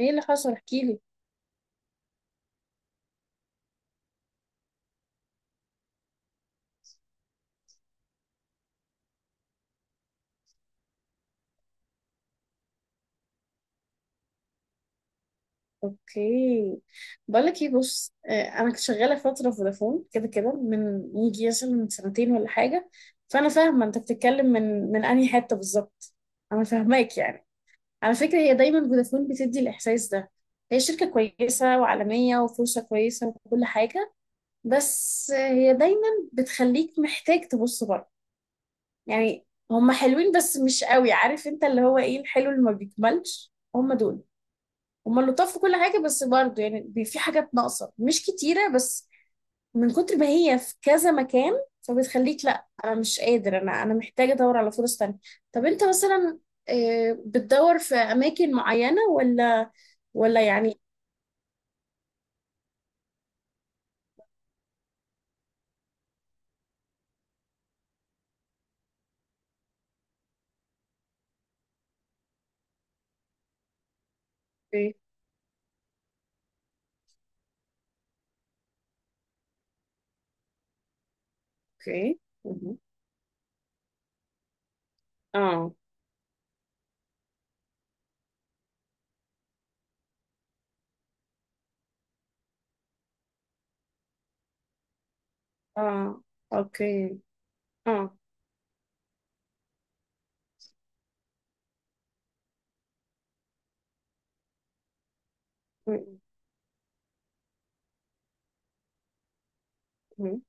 ايه اللي حصل؟ احكيلي. اوكي. بقولك ايه، بص، انا كنت شغاله فتره في فودافون كده كده من يجي مثلا من سنتين ولا حاجه. فانا فاهمه انت بتتكلم من انهي حته بالظبط. انا فاهماك يعني. على فكره هي دايما فودافون بتدي الاحساس ده. هي شركه كويسه وعالميه وفرصه كويسه وكل حاجه. بس هي دايما بتخليك محتاج تبص بره. يعني هم حلوين بس مش قوي، عارف انت اللي هو ايه الحلو اللي ما بيكملش هم دول. هما لطاف في كل حاجة بس برضه يعني في حاجات ناقصة مش كتيرة بس، من كتر ما هي في كذا مكان. فبتخليك لا أنا مش قادر، أنا محتاجة أدور على فرص تانية. طب أنت مثلا بتدور في أماكن معينة ولا يعني؟ أوكي، أوكي. مهم. آه، آه. أوكي. آه. مهم. مهم.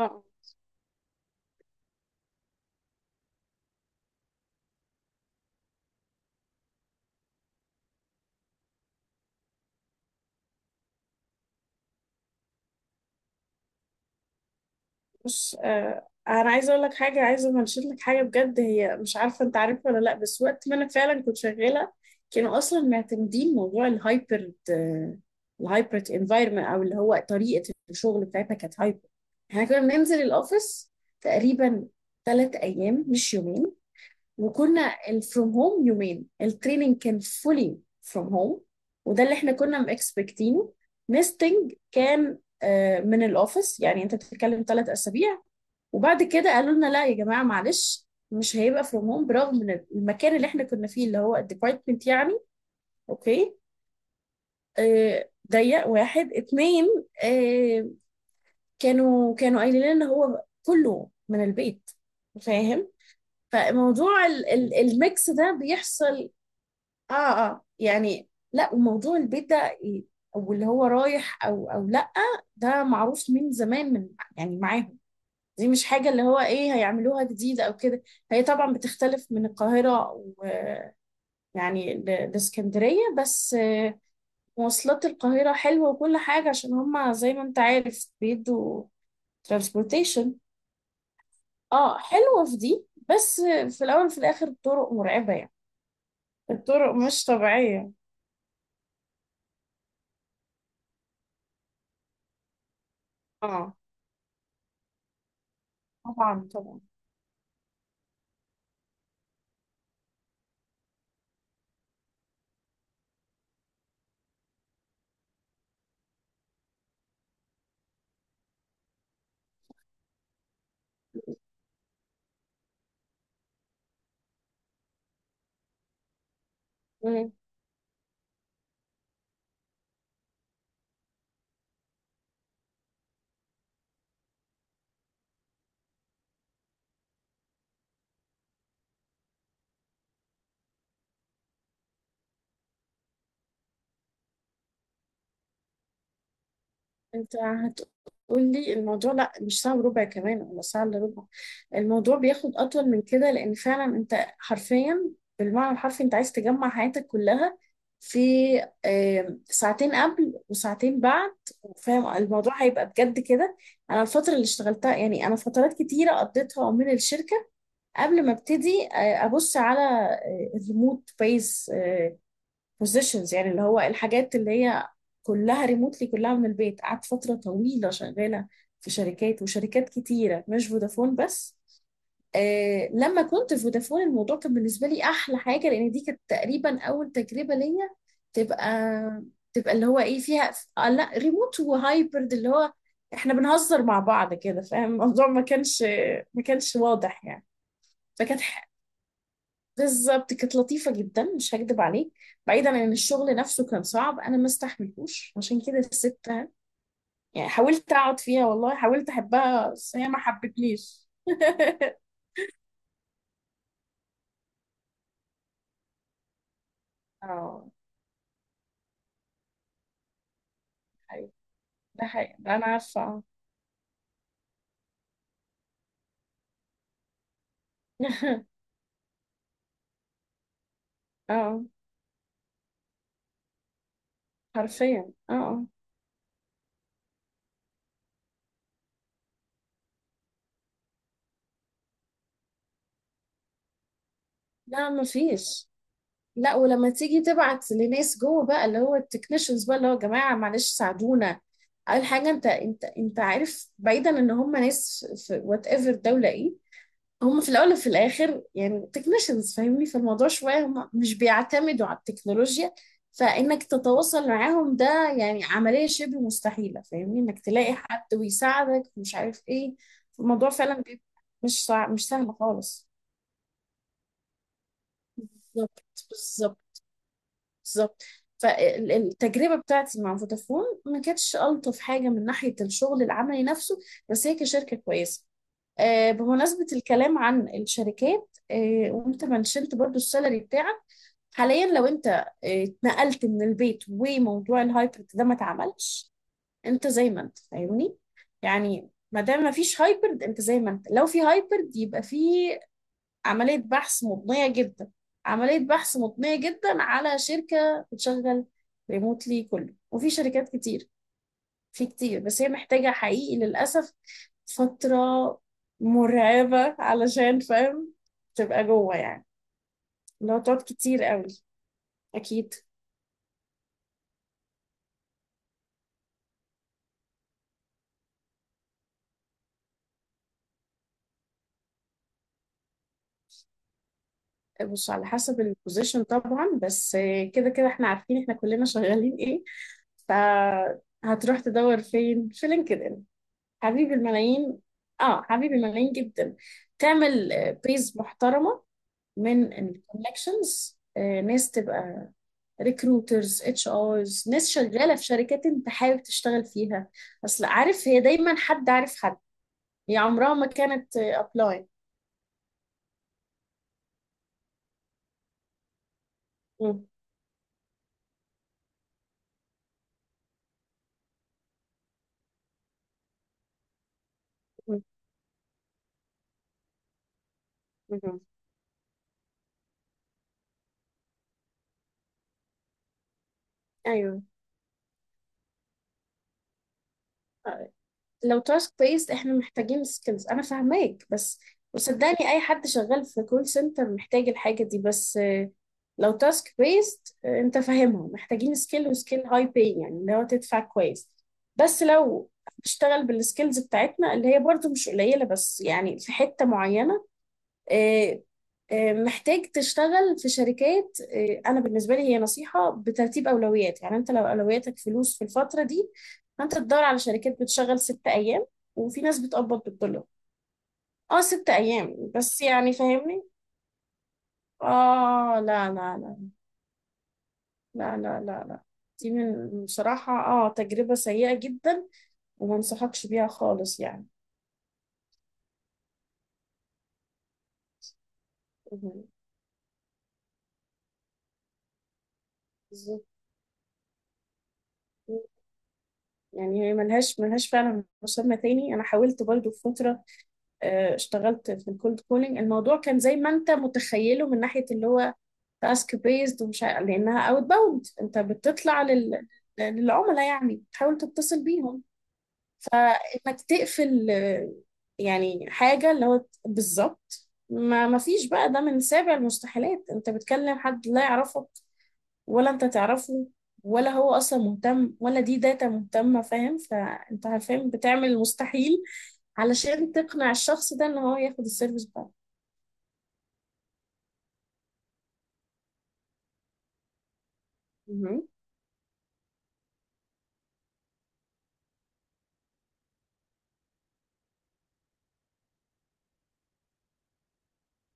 آه. بص، انا عايزه اقول لك حاجه، عايزه انشد لك حاجه بجد، هي مش عارفه انت عارفها ولا لا، بس وقت ما انا فعلا كنت شغاله كانوا اصلا معتمدين موضوع الهايبرد. الهايبرد انفايرمنت او اللي هو طريقه الشغل بتاعتها كانت هايبرد. احنا كنا بننزل الاوفيس تقريبا 3 ايام مش يومين. وكنا الفروم هوم يومين. التريننج كان فولي فروم هوم. وده اللي احنا كنا مكسبكتينه. نستنج كان من الاوفيس، يعني انت بتتكلم 3 اسابيع. وبعد كده قالوا لنا لا يا جماعه معلش مش هيبقى فروم هوم، برغم ان المكان اللي احنا كنا فيه اللي هو الديبارتمنت يعني. اوكي. آه ضيق واحد اتنين. آه. كانوا قايلين لنا هو كله من البيت. فاهم. فموضوع ال الميكس ده بيحصل. اه، اه، يعني لا، وموضوع البيت ده إيه، او اللي هو رايح او لا، ده معروف من زمان يعني معاهم. دي مش حاجة اللي هو ايه هيعملوها جديدة او كده. هي طبعا بتختلف من القاهرة ويعني لاسكندرية بس. مواصلات القاهرة حلوة وكل حاجة عشان هما زي ما انت عارف بيدوا ترانسبورتيشن. اه حلوة في دي، بس في الاول وفي الاخر الطرق مرعبة يعني. الطرق مش طبيعية. اه، طبعا طبعا. انت هتقولي الموضوع لا مش ساعة وربع كمان ولا ساعة الا ربع. الموضوع بياخد اطول من كده، لان فعلا انت حرفيا بالمعنى الحرفي انت عايز تجمع حياتك كلها في ساعتين قبل وساعتين بعد. فاهم الموضوع هيبقى بجد كده. انا الفترة اللي اشتغلتها يعني، انا فترات كتيرة قضيتها من الشركة قبل ما ابتدي ابص على الريموت بيس بوزيشنز، يعني اللي هو الحاجات اللي هي كلها ريموتلي كلها من البيت. قعدت فترة طويلة شغالة في شركات وشركات كتيرة مش فودافون بس. لما كنت في فودافون الموضوع كان بالنسبة لي أحلى حاجة، لأن دي كانت تقريبا أول تجربة ليا تبقى تبقى اللي هو إيه فيها. لا، ريموت وهايبرد اللي هو إحنا بنهزر مع بعض كده. فاهم الموضوع ما كانش واضح يعني. فكانت بالظبط كانت لطيفة جدا مش هكدب عليك. بعيدا عن الشغل نفسه كان صعب، أنا ما استحملتوش عشان كده سبتها. يعني حاولت أقعد فيها، والله حاولت أحبها بس هي ما حبتنيش اه. أيوة، ده حقيقي ده، أنا عارفة اه، اه، حرفيا، اه، آه. لا، ما فيش. لا، ولما تيجي تبعت لناس جوه بقى اللي هو التكنيشنز بقى اللي هو يا جماعة معلش ساعدونا، أول حاجة أنت أنت عارف بعيدا إن هم ناس في وات ايفر دولة إيه. هم في الاول وفي الاخر يعني تكنيشنز، فاهمني؟ في الموضوع شويه هم مش بيعتمدوا على التكنولوجيا، فانك تتواصل معاهم ده يعني عمليه شبه مستحيله. فاهمني انك تلاقي حد ويساعدك ومش عارف ايه. الموضوع فعلا بيبقى مش سهل خالص. بالظبط، بالظبط، بالظبط. فالتجربه بتاعتي مع فودافون ما كانتش الطف حاجه من ناحيه الشغل العملي نفسه، بس هي كشركه كويسه. بمناسبة الكلام عن الشركات، وانت منشنت برضو السالري بتاعك، حاليا لو انت اتنقلت من البيت وموضوع الهايبرد ده ما اتعملش، انت زي ما انت فاهمني. يعني ما دام ما فيش هايبرد انت زي ما انت. لو في هايبرد يبقى في عملية بحث مضنية جدا عملية بحث مضنية جدا على شركة بتشغل ريموتلي كله. وفي شركات كتير، في كتير، بس هي محتاجة حقيقي للأسف فترة مرعبة علشان فاهم تبقى جوه يعني لو تقعد كتير قوي. أكيد. بص على حسب البوزيشن طبعا، بس كده كده احنا عارفين احنا كلنا شغالين ايه. فهتروح تدور فين؟ في لينكدين، حبيب الملايين. اه، حبيب الملايين جدا. تعمل بيز محترمة من الكونكشنز، ناس تبقى ريكروترز، HRs، ناس شغاله في شركات انت حابب تشتغل فيها. اصل عارف، هي دايما حد عارف حد. هي عمرها ما كانت ابلاي. ايوه. لو تاسك بيست احنا محتاجين سكيلز، انا فاهماك، بس وصدقني اي حد شغال في كول سنتر محتاج الحاجه دي. بس لو تاسك بيست انت فاهمها محتاجين سكيل، وسكيل هاي باي يعني اللي هو تدفع كويس. بس لو هتشتغل بالسكيلز بتاعتنا اللي هي برضو مش قليله، بس يعني في حته معينه، آه، محتاج تشتغل في شركات. انا بالنسبه لي هي نصيحه بترتيب اولويات. يعني انت لو اولوياتك فلوس في الفتره دي فانت تدور على شركات بتشغل 6 ايام، وفي ناس بتقبض بالدولار. اه، 6 ايام بس يعني فاهمني. اه، لا، لا، لا، لا، لا، لا، لا. دي من بصراحه تجربه سيئه جدا، وما انصحكش بيها خالص يعني. مهم. بالظبط، يعني هي ملهاش فعلا مسمى تاني. انا حاولت برضو في فتره اشتغلت في الكولد كولينج. الموضوع كان زي ما انت متخيله من ناحية اللي هو تاسك بيزد، لانها اوت باوند. انت بتطلع للعملاء، يعني بتحاول تتصل بيهم فانك تقفل. يعني حاجة اللي هو بالظبط ما فيش بقى. ده من سابع المستحيلات، انت بتكلم حد لا يعرفك ولا انت تعرفه، ولا هو اصلا مهتم ولا دي داتا مهتمة. فاهم، فانت فاهم بتعمل المستحيل علشان تقنع الشخص ده ان هو ياخد السيرفيس بتاعك. مهم.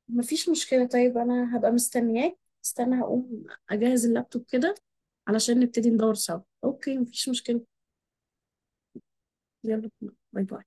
مفيش مشكلة، طيب أنا هبقى مستنياك. استنى هقوم أجهز اللابتوب كده علشان نبتدي ندور سوا. أوكي، مفيش مشكلة. يلا، باي باي.